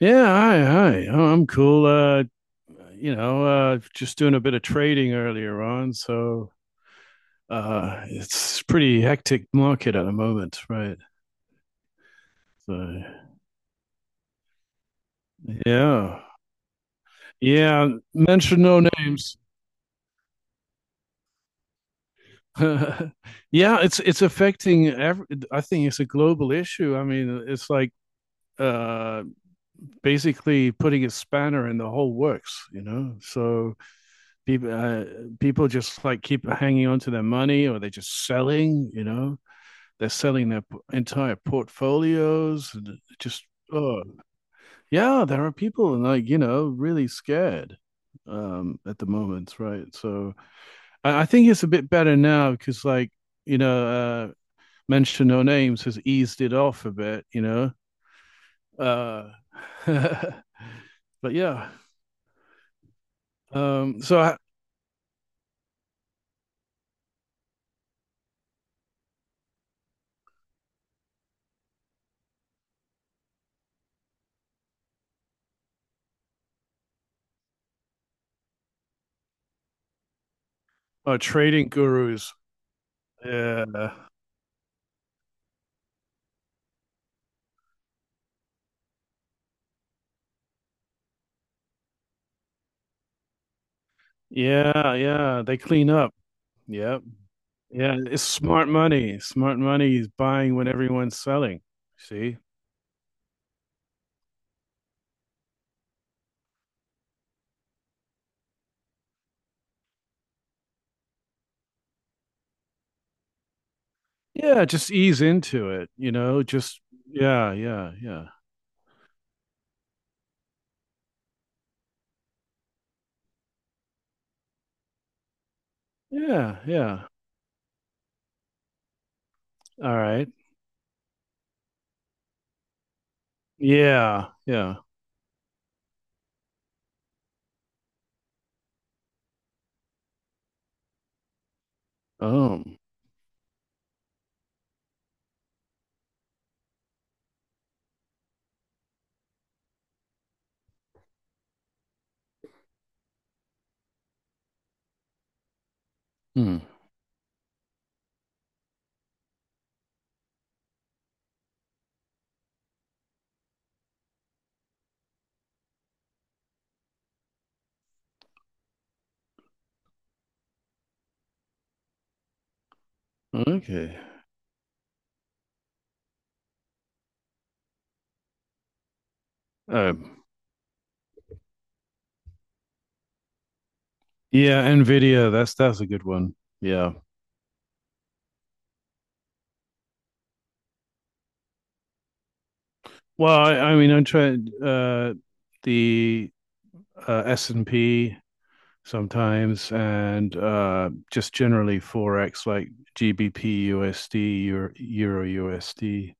Yeah, hi, hi. Oh, I'm cool. Just doing a bit of trading earlier on, so it's pretty hectic market at the moment, right? So, yeah, yeah. Mention no names. Yeah, it's affecting I think it's a global issue. I mean, it's like uh basically putting a spanner in the whole works, you know? So people uh, people just like keep hanging on to their money, or they're just selling, you know? They're selling their entire portfolios, and it just oh, yeah, there are people, like, really scared at the moment, right? So I think it's a bit better now, because, like, you know uh mention no names has eased it off a bit, Uh but yeah. Um so I, oh, trading gurus. Yeah. Yeah, yeah, they clean up. Yeah. Yeah, it's smart money. Smart money is buying when everyone's selling. See? Yeah, just ease into it, just, yeah, yeah, yeah. Yeah, yeah. All right. Yeah, yeah. Oh. Hmm. Okay. Um yeah, Nvidia, that's a good one. Yeah. Well, I mean, I'm trying the S&P sometimes, and just generally forex, like GBP USD, Euro, USD.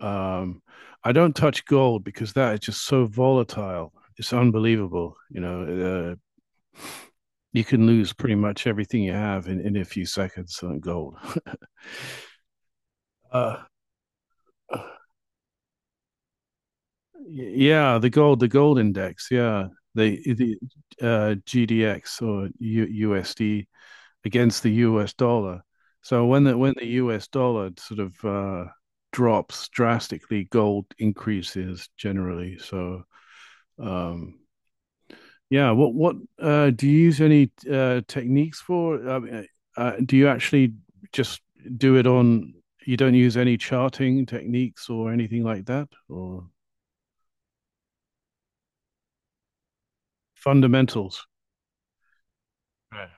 Um, I don't touch gold because that is just so volatile. It's unbelievable. You can lose pretty much everything you have in a few seconds on gold. uh, yeah, the gold index. Yeah, the GDX or USD against the US dollar. So when the US dollar sort of drops drastically, gold increases generally. So um, yeah, what do you use any techniques for? I mean, do you actually just do it on? You don't use any charting techniques or anything like that, or fundamentals. Right.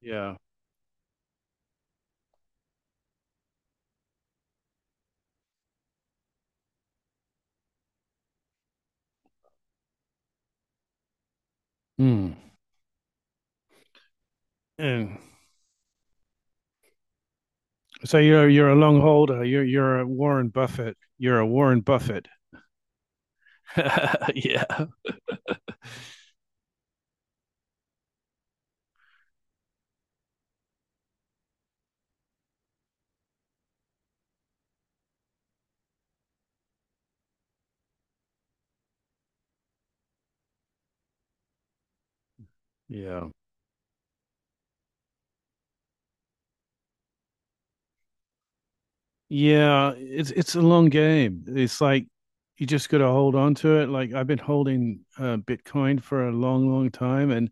Yeah. Hmm. And so you're a long holder. You're a Warren Buffett. You're a Warren Buffett. Yeah. Yeah, it's a long game. It's like you just got to hold on to it. Like I've been holding Bitcoin for a long, long time, and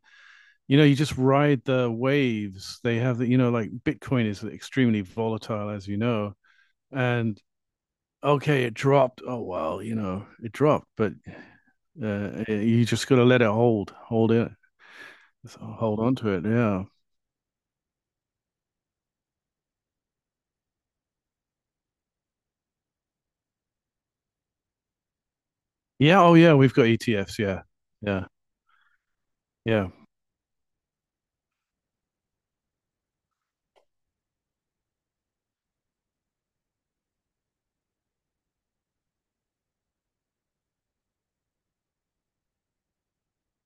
you just ride the waves. They have like, Bitcoin is extremely volatile, as you know. And okay, it dropped. Oh well, it dropped, but you just got to let it hold it, so hold on to it. Yeah. Yeah. Oh yeah, we've got ETFs. Yeah. Yeah. Yeah.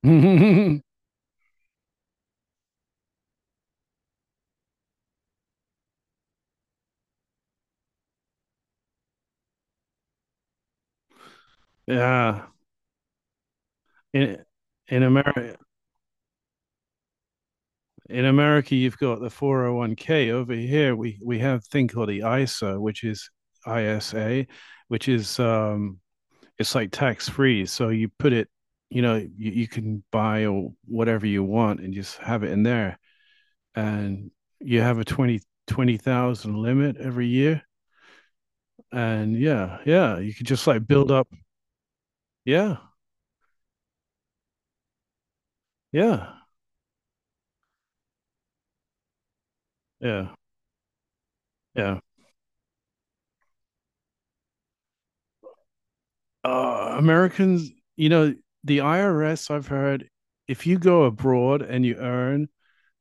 Yeah. In in America in America, you've got the 401(k). Over here we have a thing called the ISA, which is ISA, which is, it's like tax free. So you put it, you can buy or whatever you want and just have it in there. And you have a twenty thousand limit every year. And yeah, yeah, you could just like build up. Yeah. Yeah. Yeah. Yeah. Americans, you know, the IRS, I've heard, if you go abroad and you earn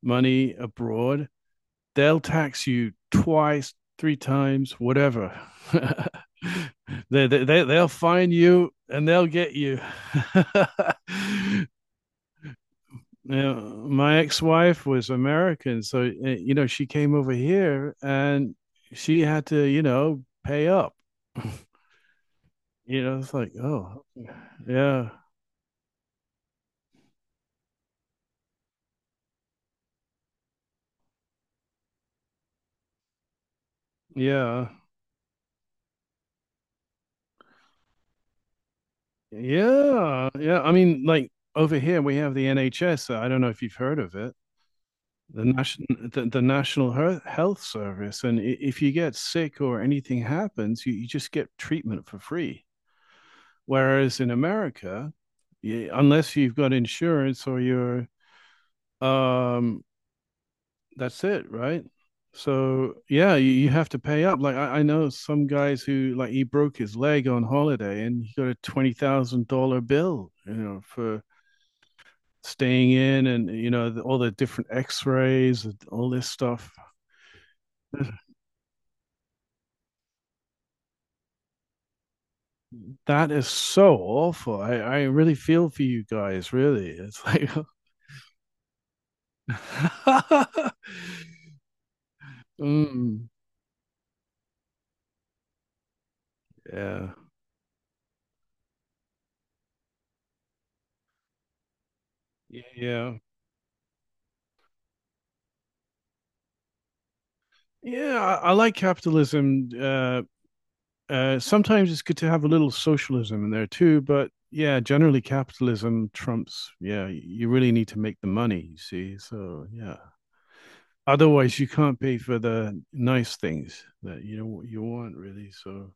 money abroad, they'll tax you twice, three times, whatever. They'll find you, and they'll get you. Now, my ex-wife was American, so she came over here, and she had to, pay up. You know, it's like, oh, yeah, yeah. Yeah, yeah. I mean, like, over here we have the NHS. I don't know if you've heard of it, the national, the National Health Service. And if you get sick or anything happens, you just get treatment for free. Whereas in America, unless you've got insurance or um, that's it, right? So yeah, you have to pay up. Like, I know some guys who, like, he broke his leg on holiday and he got a $20,000 bill, for staying in, and, all the different x-rays and all this stuff. That is so awful. I really feel for you guys. Really, it's like, mm, yeah, yeah, yeah, yeah. I like capitalism. Sometimes it's good to have a little socialism in there too, but yeah, generally capitalism trumps. Yeah, you really need to make the money, you see, so yeah. Otherwise, you can't pay for the nice things that, you know, you want, really. So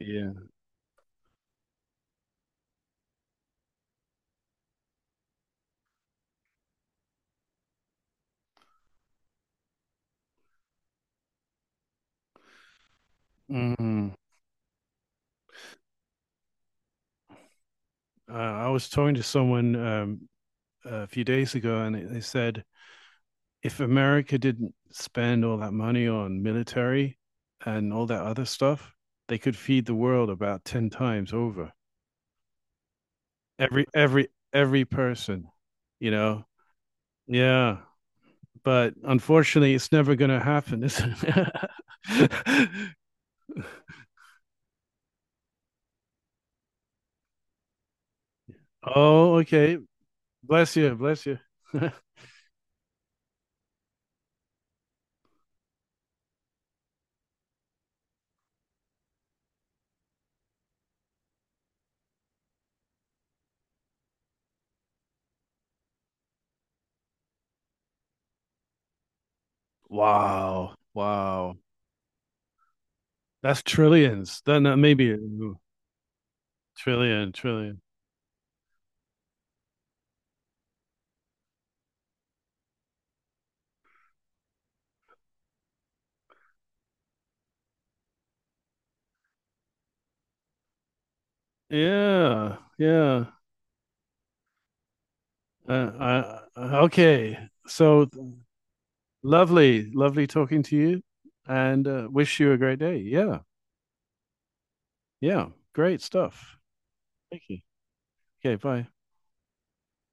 yeah. Mm. I was talking to someone, a few days ago, and they said if America didn't spend all that money on military and all that other stuff, they could feed the world about ten times over. Every every every person, you know. Yeah, but unfortunately, it's never going to happen, is not it? Oh, okay. Bless you. Bless you. Wow. Wow. That's trillions. Then maybe, ooh, trillion, trillion. Yeah. Yeah. Okay. So lovely, lovely talking to you, and wish you a great day. Yeah. Yeah. Great stuff. Thank you. Okay. Bye.